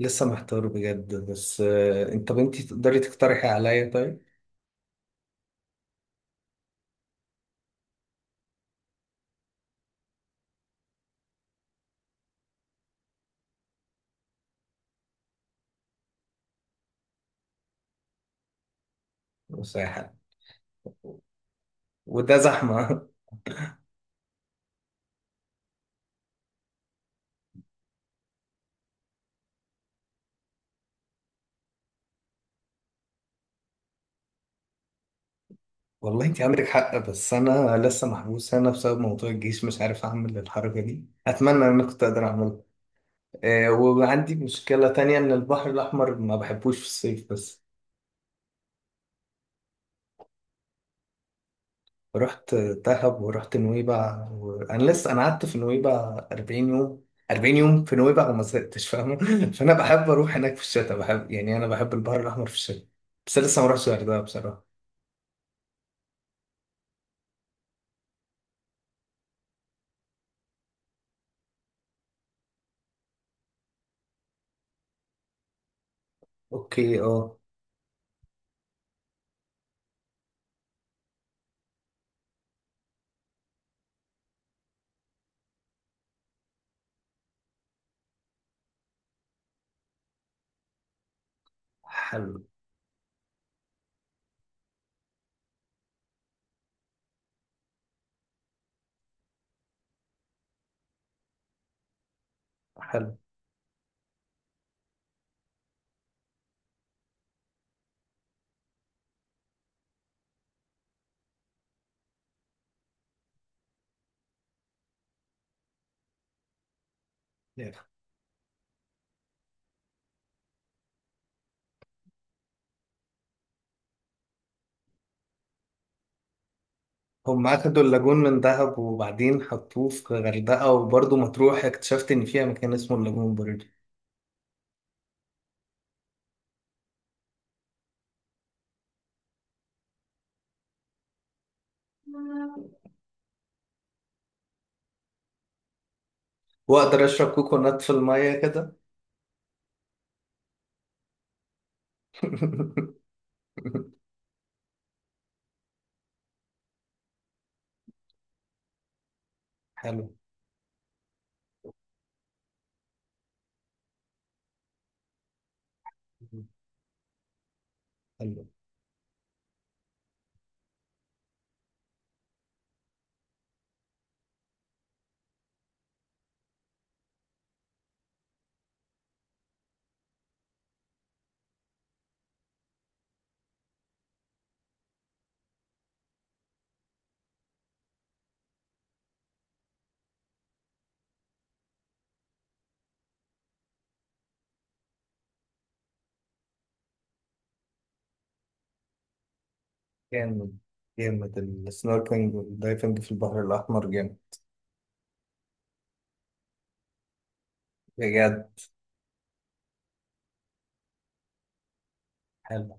لسه محتار بجد، بس انت بنتي تقدري تقترحي عليا؟ طيب وساحة، وده زحمة. والله انت عندك حق، بس انا لسه محبوس هنا بسبب موضوع الجيش، مش عارف اعمل الحركة دي. اتمنى ان انا كنت اقدر اعملها. وعندي مشكلة تانية، ان البحر الاحمر ما بحبوش في الصيف بس. رحت دهب ورحت نويبع، وانا لسه انا قعدت في نويبع 40 يوم. 40 يوم في نويبع وما زهقتش، فاهمه؟ فانا بحب اروح هناك في الشتاء، بحب يعني انا بحب البحر الاحمر في الشتاء. بس لسه ما رحتش الغردقه بصراحه. اوكي، اه. حلو. حلو. يعني هم اخدوا اللاجون من دهب وبعدين حطوه في غردقه، وبرضه مطروح اكتشفت ان فيها مكان اسمه اللاجون برضه. واقدر اشرب كوكونات في الميه كده؟ حلو. حلو. جامد. جامد. السنوركلينج والدايفنج في البحر الأحمر جامد. بجد؟ حلو.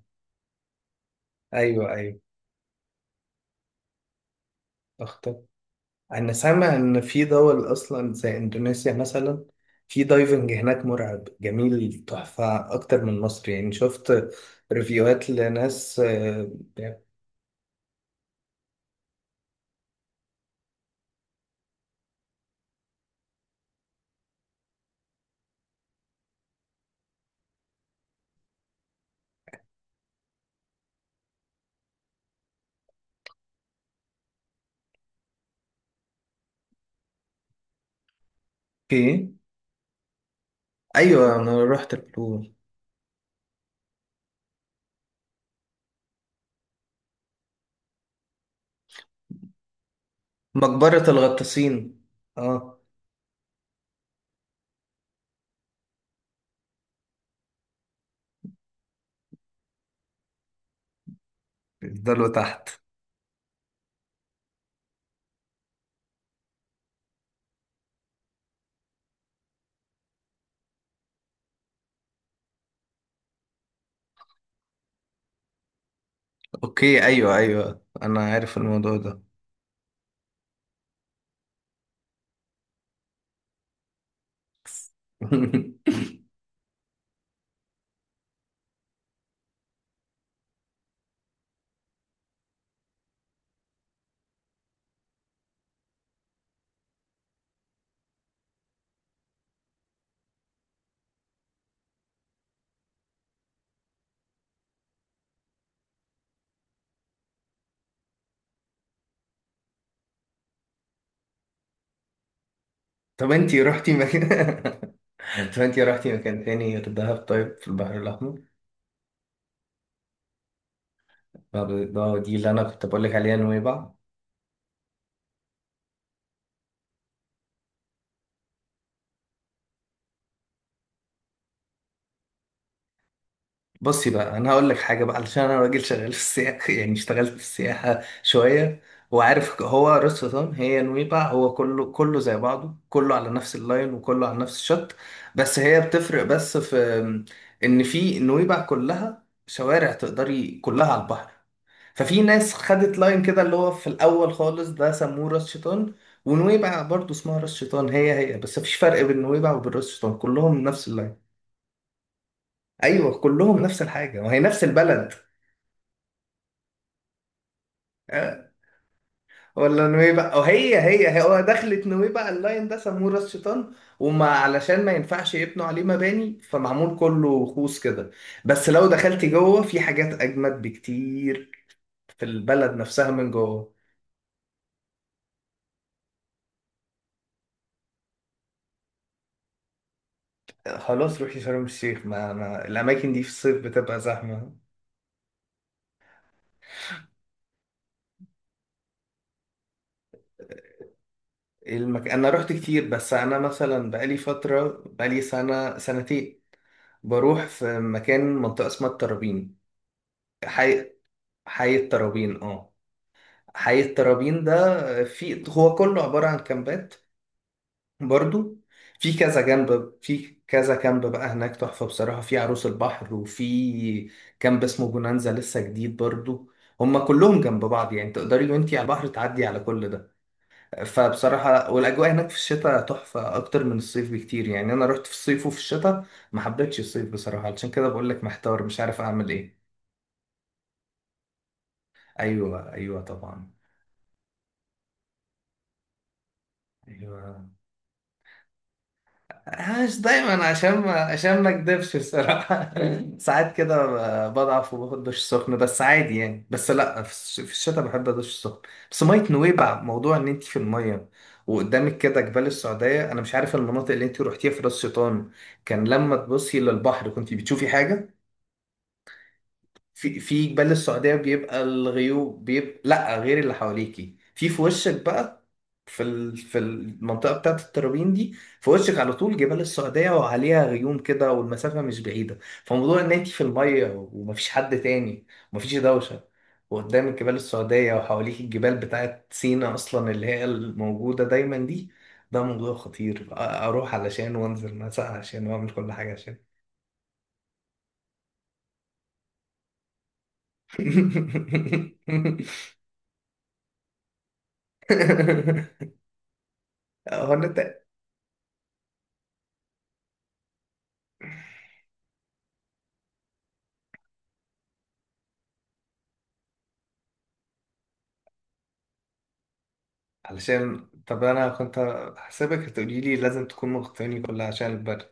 أيوه أيوه. أخطر. أنا سامع إن في دول أصلا زي إندونيسيا مثلا في دايفنج هناك مرعب، جميل، تحفة، أكتر من مصر يعني. شفت ريفيوهات لناس، في. أيوه، أنا رحت البلو. مقبرة الغطاسين. أه. بيفضلوا تحت. أوكي، أيوه أيوه، أنا عارف الموضوع ده. طب انتي رحتي مكان. طب انتي رحتي مكان تاني غير دهب؟ طيب في البحر الأحمر. طب ده دي اللي أنا كنت بقول لك عليها، نويبع. بصي بقى، أنا هقول لك حاجة بقى، علشان أنا راجل شغال في السياحة. يعني اشتغلت في السياحة شوية، وعارف. هو راس شيطان هي نويبع، هو كله زي بعضه، كله على نفس اللاين وكله على نفس الشط. بس هي بتفرق بس في، إن في نويبع كلها شوارع تقدري كلها على البحر. ففي ناس خدت لاين كده اللي هو في الاول خالص، ده سموه راس شيطان. ونويبع برضه اسمها راس شيطان، هي هي، بس مفيش فرق بين نويبع وبين راس شيطان، كلهم نفس اللاين. ايوه كلهم نفس الحاجه، وهي نفس البلد. أه، ولا نويبع، وهي هي هي. هو دخلت نويبع، اللاين ده سموه راس شيطان. وما علشان ما ينفعش يبنوا عليه مباني، فمعمول كله خوص كده. بس لو دخلت جوه في حاجات اجمد بكتير، في البلد نفسها من جوه. خلاص روحي شرم الشيخ. ما الاماكن دي في الصيف بتبقى زحمه. المك... انا رحت كتير، بس انا مثلا بقالي فتره، بقالي سنه سنتين بروح في مكان، منطقه اسمها الترابين. حي، حي الترابين، اه. حي الترابين ده، في هو كله عباره عن كامبات برضو. في كذا جنب، في كذا كامب بقى هناك تحفه بصراحه. في عروس البحر، وفي كامب اسمه بونانزا لسه جديد برضو. هما كلهم جنب بعض يعني، تقدري وانتي على البحر تعدي على كل ده. فبصراحة، والأجواء هناك في الشتاء تحفة أكتر من الصيف بكتير. يعني أنا رحت في الصيف وفي الشتاء، ما حبيتش الصيف بصراحة. علشان كده بقول لك محتار، مش عارف أعمل إيه. أيوه أيوه طبعا. أيوه. مش دايما، عشان ما أكدبش بصراحة. ساعات كده بضعف وباخد دش سخن، بس عادي يعني. بس لأ، في في الشتاء بحب أدش سخن. بس مية نويبع، موضوع إن أنت في المية وقدامك كده جبال السعودية. أنا مش عارف المناطق اللي أنت روحتيها في راس شيطان، كان لما تبصي للبحر كنت بتشوفي حاجة؟ في جبال السعودية بيبقى الغيوم، بيبقى لا غير اللي حواليكي في وشك بقى. في ال... في المنطقة بتاعت الترابين دي، في وشك على طول جبال السعودية وعليها غيوم كده، والمسافة مش بعيدة. فموضوع ان انت في المية، ومفيش حد تاني، ومفيش دوشة، وقدامك جبال السعودية، وحواليك الجبال بتاعت سينا أصلا اللي هي الموجودة دايما دي، ده موضوع خطير. أروح علشان، وأنزل مساء عشان، وأعمل كل حاجة عشان. هو انت؟ علشان طب انا كنت حاسبك هتقولي لي لازم تكون مغطيني كلها عشان البرد.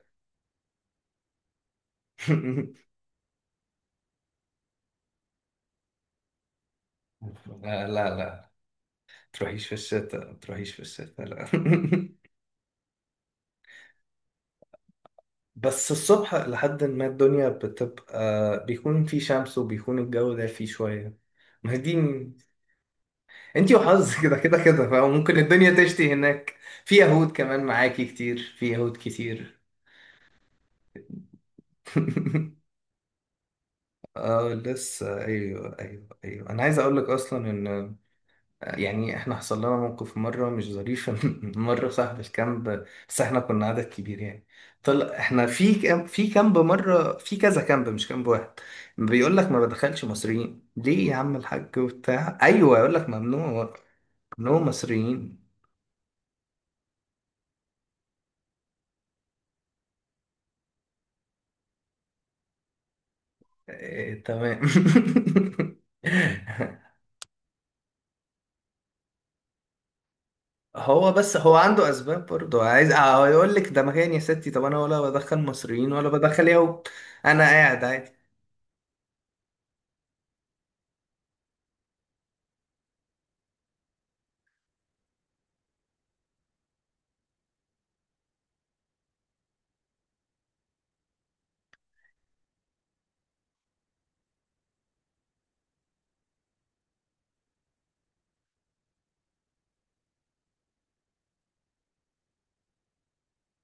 لا لا لا، تروحيش في الشتاء، تروحيش في الشتاء لا. بس الصبح لحد ما الدنيا بتبقى، بيكون في شمس وبيكون الجو ده فيه شوية. ما هي دي، انتي وحظك، كده كده كده، فممكن الدنيا تشتي هناك. في يهود كمان معاكي كتير، في يهود كتير. اه لسه، ايوه ايوه ايوه. انا عايز اقول لك اصلا ان، يعني احنا حصل لنا موقف مرة مش ظريف. إن مرة صاحب الكامب، بس احنا كنا عدد كبير يعني. طلع احنا في كامب، في كامب مرة في كذا كامب، مش كامب واحد، بيقول لك ما بدخلش مصريين. ليه يا عم الحاج؟ وبتاع، ايوه، يقول لك ممنوع. ممنوع مصريين. إيه؟ تمام. هو بس هو عنده اسباب برضه، عايز اه يقول لك ده مكان يا ستي، طب انا ولا بدخل مصريين ولا بدخل يهود، انا قاعد.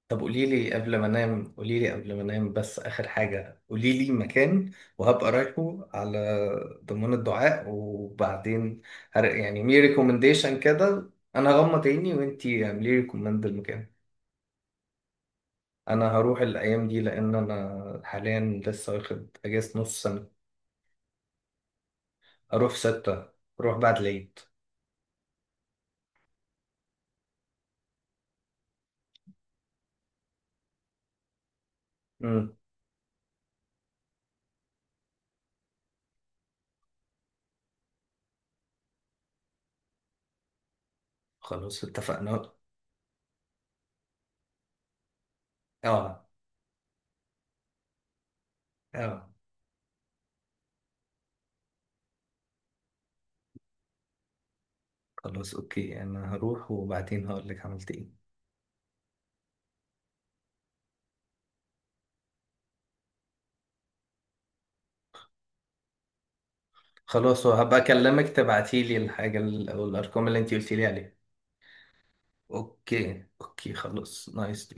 طب قولي لي قبل ما انام، قولي لي قبل ما انام بس اخر حاجه، قولي لي مكان وهبقى رايحه على ضمان الدعاء. وبعدين هر... يعني مي ريكومنديشن كده. انا هغمض عيني، وانتي اعملي ريكومند المكان. انا هروح الايام دي، لان انا حاليا لسه واخد اجازه نص سنه. اروح ستة؟ اروح بعد العيد. امم. خلاص اتفقنا. اه اه. خلاص اوكي، انا هروح وبعدين هقول لك عملت ايه. خلاص، وهبقى اكلمك تبعتيلي الحاجة او الارقام اللي انتي قلتيلي عليها. اوكي اوكي، خلاص، نايس.